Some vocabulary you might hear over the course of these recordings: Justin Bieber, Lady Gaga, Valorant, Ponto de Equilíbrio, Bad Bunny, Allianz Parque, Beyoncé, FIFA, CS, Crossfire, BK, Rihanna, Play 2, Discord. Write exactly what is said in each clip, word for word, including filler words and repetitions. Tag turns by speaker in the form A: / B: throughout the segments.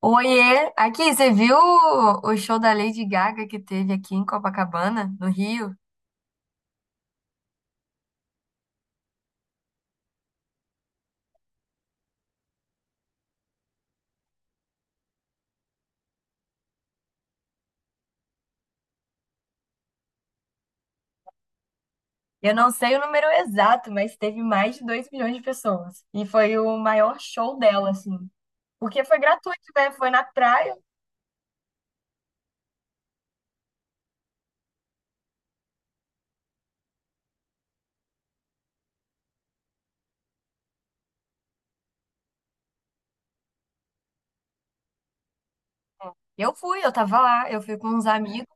A: Oiê, aqui, você viu o o show da Lady Gaga que teve aqui em Copacabana, no Rio? Eu não sei o número exato, mas teve mais de dois milhões de pessoas. E foi o maior show dela, assim. Porque foi gratuito, né? Foi na praia. Eu fui, eu tava lá, eu fui com uns amigos,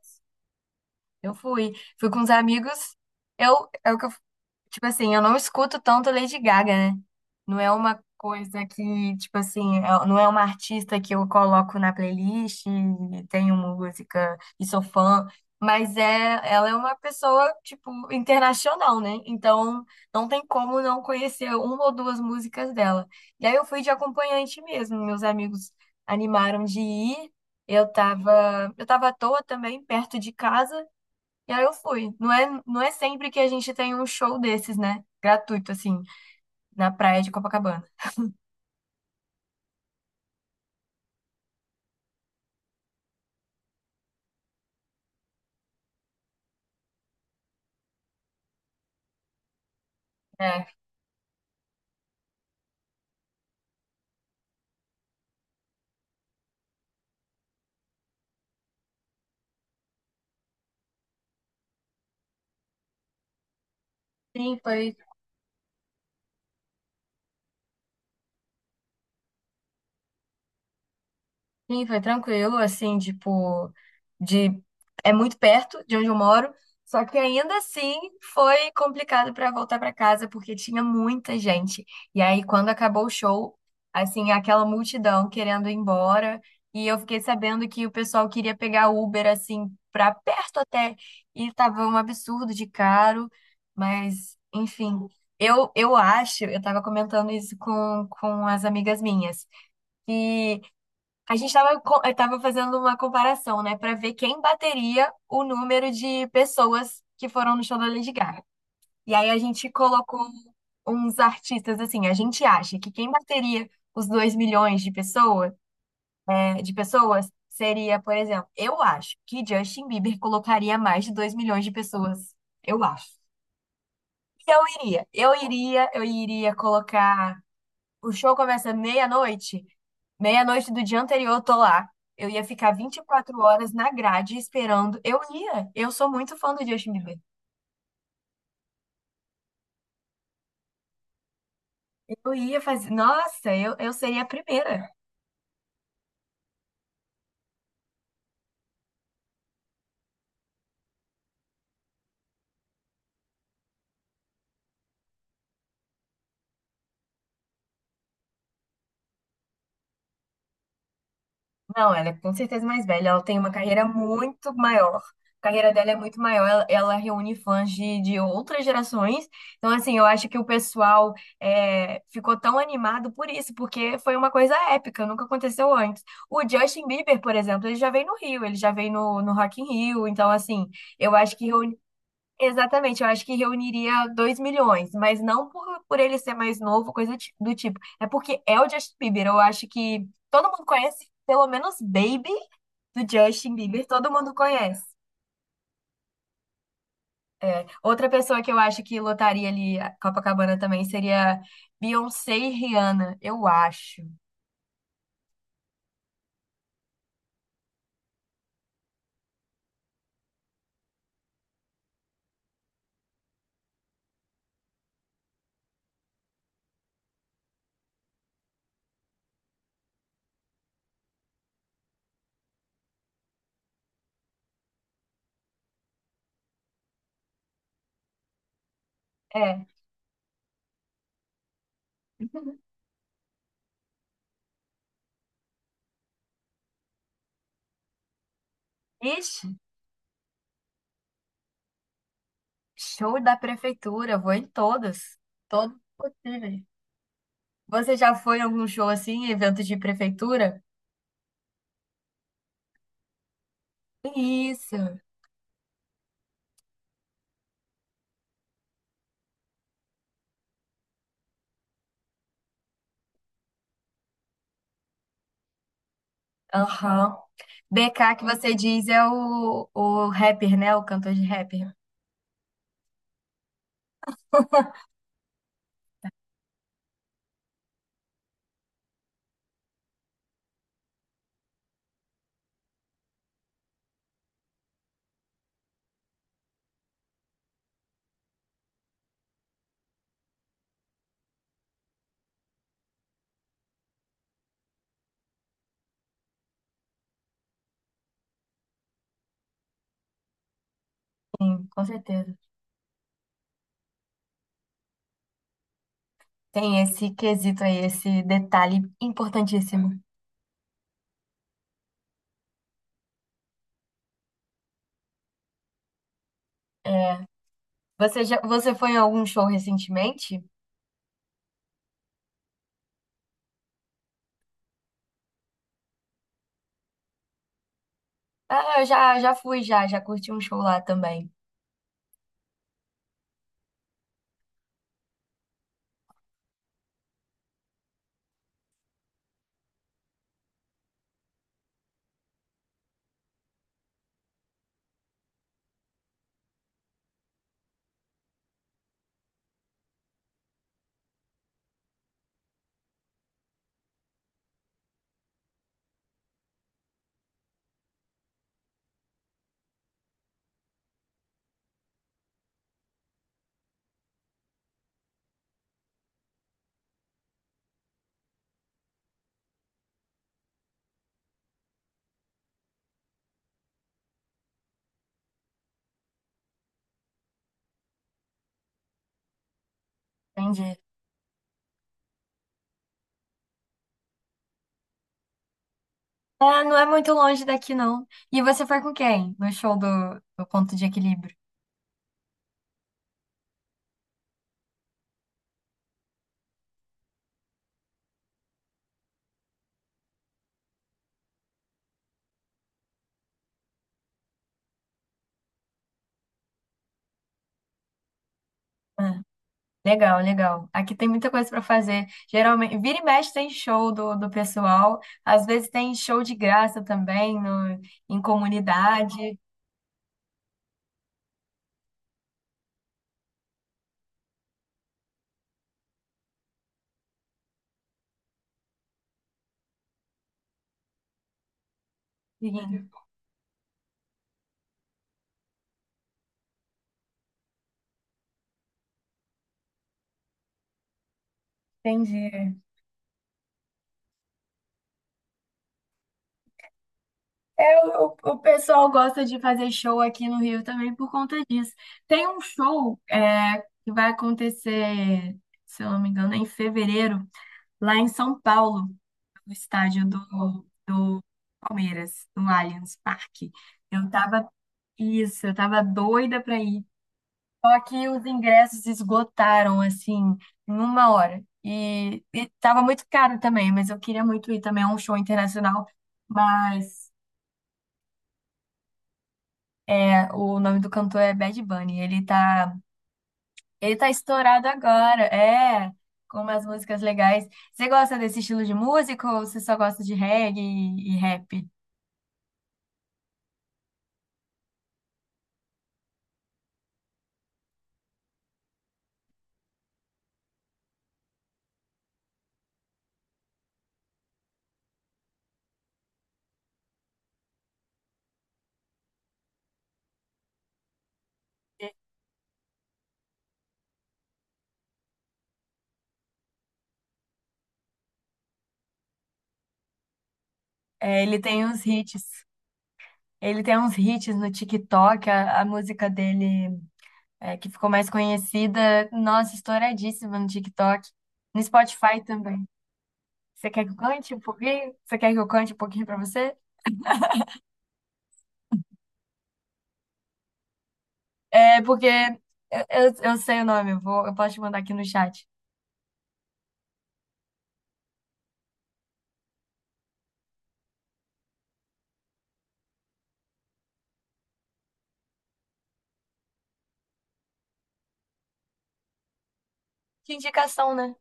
A: eu fui. Fui com uns amigos. Eu, é o que eu Tipo assim, eu não escuto tanto Lady Gaga, né? Não é uma coisa que, tipo assim, é- não é uma artista que eu coloco na playlist, e tenho música e sou fã, mas é, ela é uma pessoa, tipo, internacional, né? Então, não tem como não conhecer uma ou duas músicas dela. E aí eu fui de acompanhante mesmo, meus amigos animaram de ir. Eu tava, eu tava à toa também, perto de casa. E aí eu fui. Não é, não é sempre que a gente tem um show desses, né? Gratuito, assim, na praia de Copacabana. É. Sim, foi Sim, foi tranquilo, assim, tipo, de é muito perto de onde eu moro, só que ainda assim foi complicado para voltar para casa porque tinha muita gente. E aí quando acabou o show, assim, aquela multidão querendo ir embora, e eu fiquei sabendo que o pessoal queria pegar Uber assim para perto até, e tava um absurdo de caro, mas enfim, eu eu acho, eu tava comentando isso com com as amigas minhas. A gente estava tava fazendo uma comparação, né, para ver quem bateria o número de pessoas que foram no show da Lady Gaga. E aí a gente colocou uns artistas assim, a gente acha que quem bateria os dois milhões de pessoas, é, de pessoas seria, por exemplo, eu acho que Justin Bieber colocaria mais de dois milhões de pessoas. Eu acho. Eu iria, eu iria, eu iria colocar. O show começa meia-noite. Meia-noite do dia anterior, eu tô lá. Eu ia ficar vinte e quatro horas na grade esperando. Eu ia. Eu sou muito fã do Justin Bieber. Eu ia fazer. Nossa, eu, eu seria a primeira. Não, ela é com certeza mais velha. Ela tem uma carreira muito maior. A carreira dela é muito maior. Ela, ela reúne fãs de, de outras gerações. Então, assim, eu acho que o pessoal é, ficou tão animado por isso, porque foi uma coisa épica, nunca aconteceu antes. O Justin Bieber, por exemplo, ele já veio no Rio, ele já veio no, no Rock in Rio. Então, assim, eu acho que Exatamente, eu acho que reuniria dois milhões, mas não por, por ele ser mais novo, coisa ti- do tipo. É porque é o Justin Bieber, eu acho que todo mundo conhece, pelo menos Baby do Justin Bieber, todo mundo conhece. Outra pessoa que eu acho que lotaria ali a Copacabana também seria Beyoncé e Rihanna, eu acho. É. Ixi, show da prefeitura, vou em todos, todos possíveis. Você já foi em algum show assim, evento de prefeitura? Isso. Aham. B K que você diz é o, o rapper, né? O cantor de rapper. Com certeza. Tem esse quesito aí, esse detalhe importantíssimo. É, Você já, você foi em algum show recentemente? Ah, eu já, já fui, já, já curti um show lá também. Entendi. Ah, não é muito longe daqui, não. E você foi com quem? No show do, do Ponto de Equilíbrio? Legal, legal. Aqui tem muita coisa para fazer. Geralmente, vira e mexe tem show do, do pessoal. Às vezes tem show de graça também no, em comunidade. Sim, entendi. É, o, o pessoal gosta de fazer show aqui no Rio também por conta disso. Tem um show é, que vai acontecer, se eu não me engano, em fevereiro, lá em São Paulo, no estádio do, do Palmeiras, no Allianz Parque. Eu tava, isso, eu tava doida para ir. Só que os ingressos esgotaram, assim, em uma hora. E, e tava muito caro também, mas eu queria muito ir também a um show internacional. Mas é, o nome do cantor é Bad Bunny. Ele tá, ele tá estourado agora, é, com umas músicas legais. Você gosta desse estilo de música ou você só gosta de reggae e, e rap? É, ele tem uns hits. Ele tem uns hits no TikTok, a a música dele. é, que ficou mais conhecida, nossa, estouradíssima no TikTok, no Spotify também. Você quer que eu cante um pouquinho? Você quer que eu cante um pouquinho pra você? É porque eu, eu, eu sei o nome, eu vou, eu posso te mandar aqui no chat. Que indicação, né?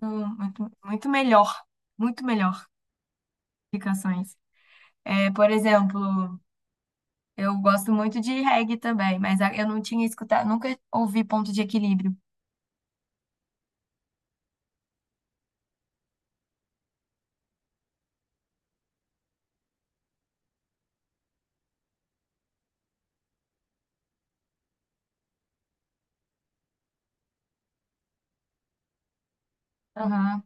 A: Muito, muito, muito melhor, muito melhor indicações. É, por exemplo, eu gosto muito de reggae também, mas a- eu não tinha escutado, nunca ouvi Ponto de Equilíbrio. Aham.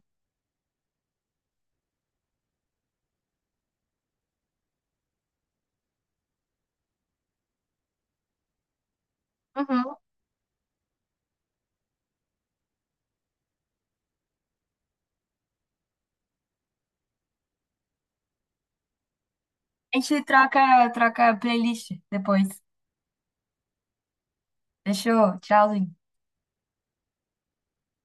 A: Uhum. A gente troca, troca a playlist depois. Fechou? Tchauzinho.